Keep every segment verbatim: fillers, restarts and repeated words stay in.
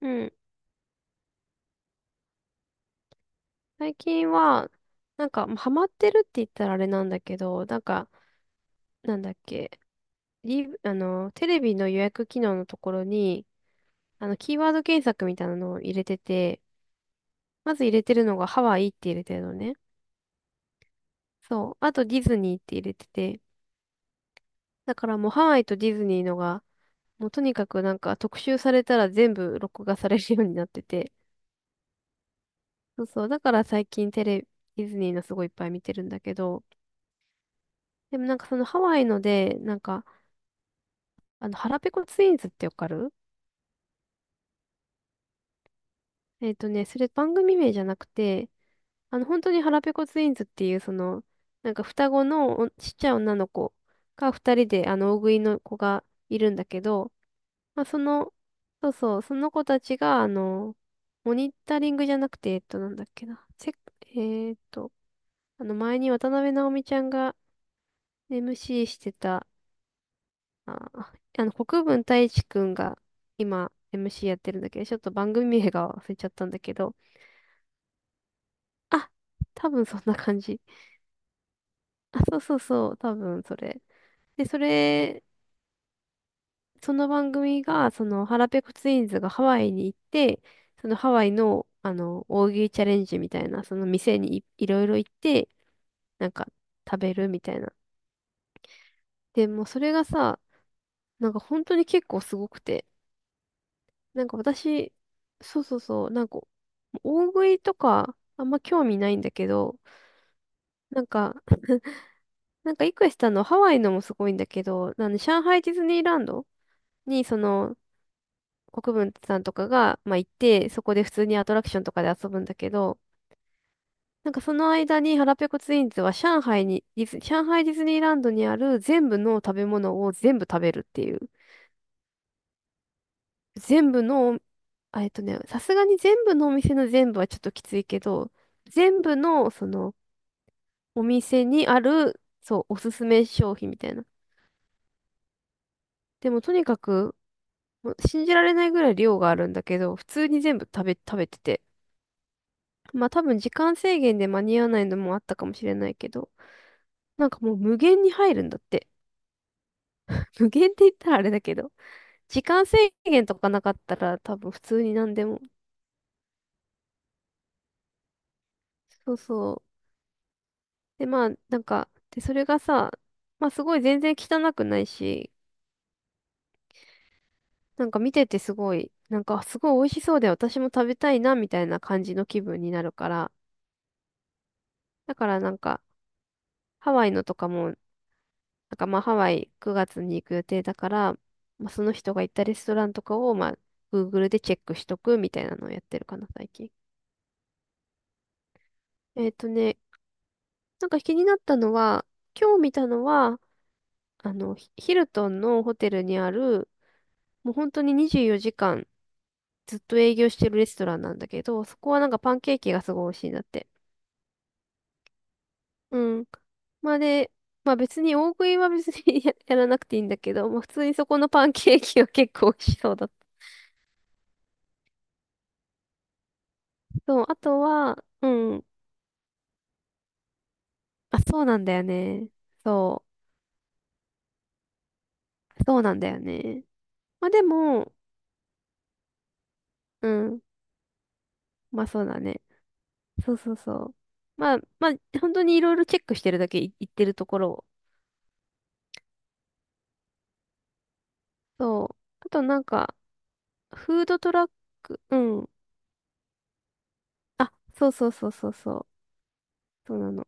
うん。最近は、なんか、まあハマってるって言ったらあれなんだけど、なんか、なんだっけ、リ、あの、テレビの予約機能のところに、あの、キーワード検索みたいなのを入れてて、まず入れてるのがハワイって入れてるのね。そう。あとディズニーって入れてて、だからもうハワイとディズニーのが、もうとにかくなんか特集されたら全部録画されるようになってて、そうそう。だから最近テレビ、ディズニーのすごいいっぱい見てるんだけど、でもなんかそのハワイので、なんか、あの、腹ペコツインズってわかるえっとね、それ番組名じゃなくて、あの、本当に腹ペコツインズっていう、その、なんか双子のおちっちゃい女の子がふたりで、あの、大食いの子がいるんだけど、まあ、その、そうそう、その子たちが、あの、モニタリングじゃなくて、えっと、なんだっけな、せ、えっと、あの、前に渡辺直美ちゃんが エムシー してた、あ、あの、国分太一くんが今、エムシー やってるんだけど、ちょっと番組名が忘れちゃったんだけど、あ、多分そんな感じ。あ、そうそうそう、多分それ。で、それ、その番組が、その、腹ペコツインズがハワイに行って、そのハワイの、あの、大食いチャレンジみたいな、その店にい、いろいろ行って、なんか、食べるみたいな。で、もうそれがさ、なんか本当に結構すごくて、なんか私、そうそうそう、なんか、大食いとか、あんま興味ないんだけど、なんか なんか、いくしさんのハワイのもすごいんだけど、あの、上海ディズニーランドに、その、国分さんとかが、まあ、行って、そこで普通にアトラクションとかで遊ぶんだけど、なんかその間に腹ペコツインズは上海に、ディズ、上海ディズニーランドにある全部の食べ物を全部食べるっていう。全部の、あえっとね、さすがに全部のお店の全部はちょっときついけど、全部の、その、お店にある、そう、おすすめ商品みたいな。でもとにかくもう信じられないぐらい量があるんだけど、普通に全部食べ、食べてて。まあ多分時間制限で間に合わないのもあったかもしれないけど、なんかもう無限に入るんだって。無限って言ったらあれだけど、時間制限とかなかったら多分普通に何でも。そうそう。で、まあなんか、で、それがさ、まあすごい全然汚くないし、なんか見ててすごい、なんかすごい美味しそうで私も食べたいなみたいな感じの気分になるから、だからなんか、ハワイのとかもなんかまあハワイくがつに行く予定だから、まあ、その人が行ったレストランとかをまあ Google でチェックしとくみたいなのをやってるかな、最近。えっとね、なんか気になったのは、今日見たのは、あの、ヒヒルトンのホテルにある、もう本当ににじゅうよじかんずっと営業してるレストランなんだけど、そこはなんかパンケーキがすごい美味しいんだって。うん。まあで、まあ別に大食いは別に や、やらなくていいんだけど、まあ普通にそこのパンケーキは結構美味しそうだった。そう、あとは、うんあ、そうなんだよね。そう。そうなんだよね。まあでも、うん。まあそうだね。そうそうそう。まあ、まあ、本当にいろいろチェックしてるだけい言ってるところを。そう。あとなんか、フードトラック、うん。あ、そうそうそうそうそう。そうなの。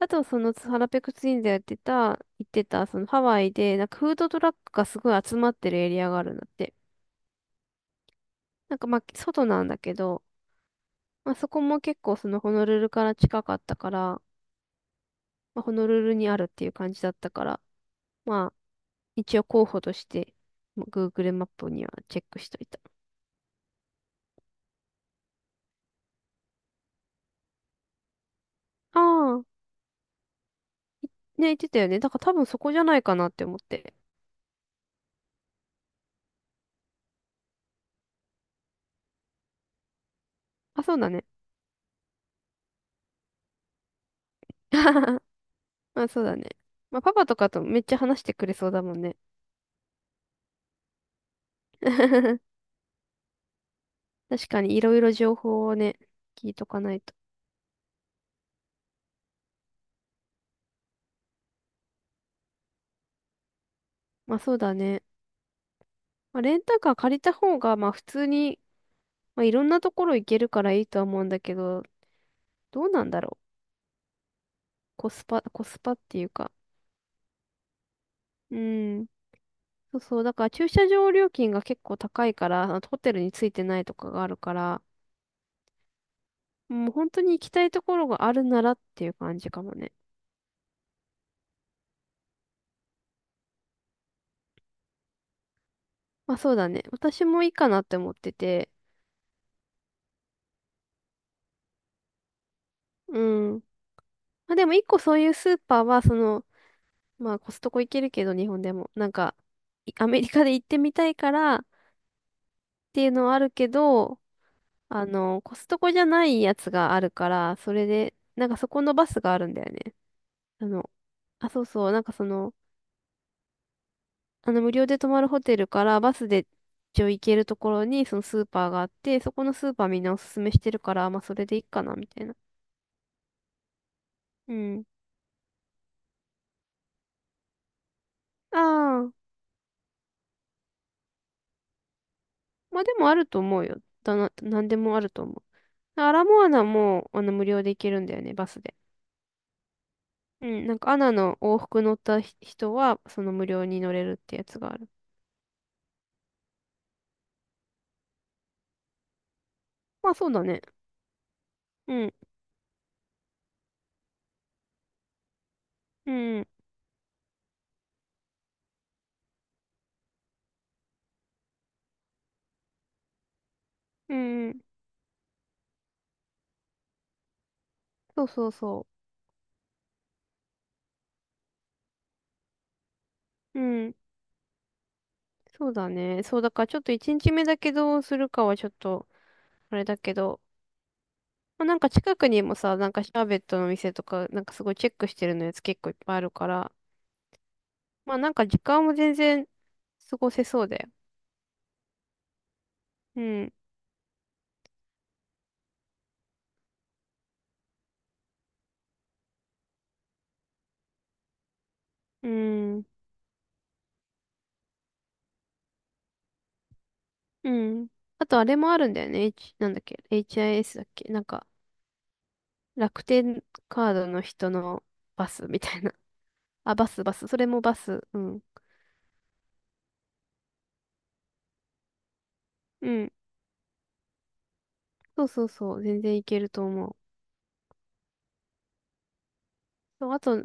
あと、その、ハラペクツインでやってた、言ってた、そのハワイで、なんかフードトラックがすごい集まってるエリアがあるんだって。なんかまあ、外なんだけど、まあそこも結構そのホノルルから近かったから、まあ、ホノルルにあるっていう感じだったから、まあ、一応候補として、まあ Google マップにはチェックしといた。ああ、いね、言ってたよね。だから多分そこじゃないかなって思って。あ、そうだね。まあ、そうだね。まあ、パパとかとめっちゃ話してくれそうだもんね。確かにいろいろ情報をね、聞いとかないと。まあ、そうだね。まあ、レンタカー借りた方が、まあ、普通に、まあ、いろんなところ行けるからいいとは思うんだけど、どうなんだろう。コスパ、コスパっていうか。うん。そうそう。だから駐車場料金が結構高いから、あのホテルについてないとかがあるから、もう本当に行きたいところがあるならっていう感じかもね。まあそうだね。私もいいかなって思ってて。うん。まあでも一個そういうスーパーは、その、まあコストコ行けるけど日本でも、なんか、い アメリカで行ってみたいからっていうのはあるけど、あの、コストコじゃないやつがあるから、それで、なんかそこのバスがあるんだよね。あの、あ、そうそう、なんかその、あの、無料で泊まるホテルからバスで一応行けるところにそのスーパーがあって、そこのスーパーみんなおすすめしてるから、まあそれでいいかな、みたいな。うん。ああ、まあでもあると思うよ。だな、なんでもあると思う。アラモアナも、あの、無料で行けるんだよね、バスで。うん、なんかアナの往復乗ったひ人は、その無料に乗れるってやつがある。まあそうだね。うん、うん、うん、そうそうそう。うん、そうだね。そうだからちょっといちにちめだけどうするかはちょっと、あれだけど、まあ、なんか近くにもさ、なんかシャーベットの店とか、なんかすごいチェックしてるのやつ結構いっぱいあるから、まあなんか時間も全然過ごせそうだよ。うん、うん、うん。あとあれもあるんだよね。H、なんだっけ ?エイチアイエス だっけなんか楽天カードの人のバスみたいな。あ、バス、バス。それもバス。うん。うん。そうそうそう。全然いけると思う。そう、あと、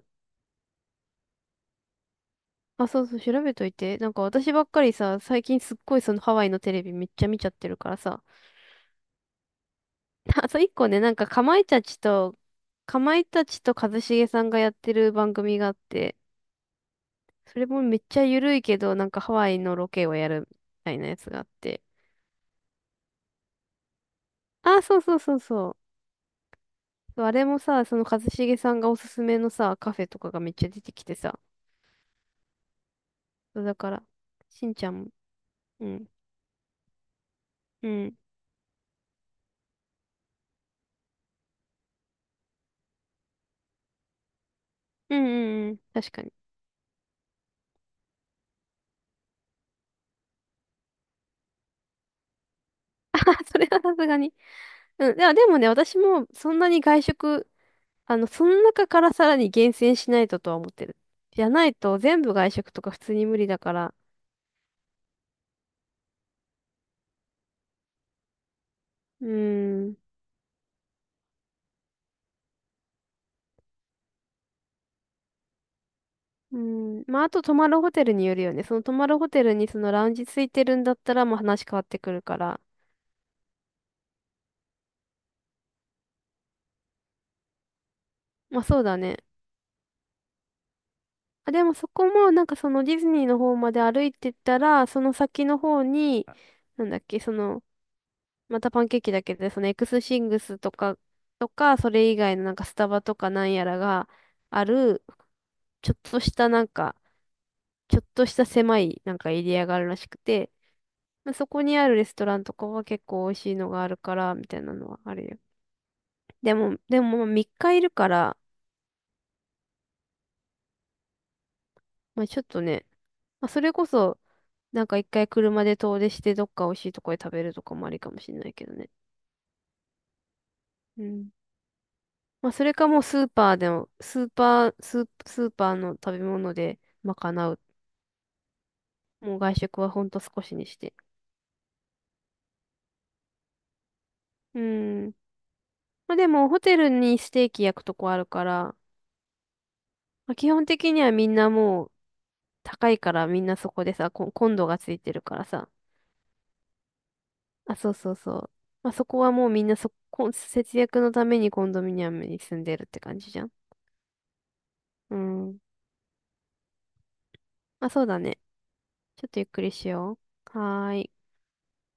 あ、そうそう、調べといて。なんか私ばっかりさ、最近すっごいそのハワイのテレビめっちゃ見ちゃってるからさ、あと一個ね、なんかかまいたちと、かまいたちと一茂さんがやってる番組があって、それもめっちゃゆるいけど、なんかハワイのロケをやるみたいなやつがあって。あ、そうそうそうそう。そうあれもさ、その一茂さんがおすすめのさ、カフェとかがめっちゃ出てきてさ。そうだから、しんちゃんも、うん、うん、うん、うん、うん、確かに。あ、それはさすがに。うん、いや、でもね、私もそんなに外食あの、その中からさらに厳選しないととは思ってる。じゃないと全部外食とか普通に無理だから。うーん。うーん。まあ、あと泊まるホテルによるよね。その泊まるホテルにそのラウンジついてるんだったらまあ話変わってくるから。まあそうだね。あ、でもそこもなんかそのディズニーの方まで歩いてったら、その先の方に、なんだっけ、その、またパンケーキだけで、そのエクスシングスとか、とか、それ以外のなんかスタバとかなんやらがある、ちょっとしたなんか、ちょっとした狭いなんかエリアがあるらしくて、まあ、そこにあるレストランとかは結構美味しいのがあるから、みたいなのはあるよ。でも、でもまあみっかいるから、まあちょっとね、まあそれこそ、なんか一回車で遠出してどっか美味しいとこで食べるとかもありかもしれないけどね。うん。まあそれかもうスーパーでも、スーパー、スー、スーパーの食べ物で賄う。もう外食はほんと少しにして。うん。まあでもホテルにステーキ焼くとこあるから、まあ基本的にはみんなもう高いからみんなそこでさ、こ、コンドがついてるからさ。あ、そうそうそう。まあ、そこはもうみんなそこ、節約のためにコンドミニアムに住んでるって感じじゃん。うん。まあ、そうだね。ちょっとゆっくりしよう。はーい。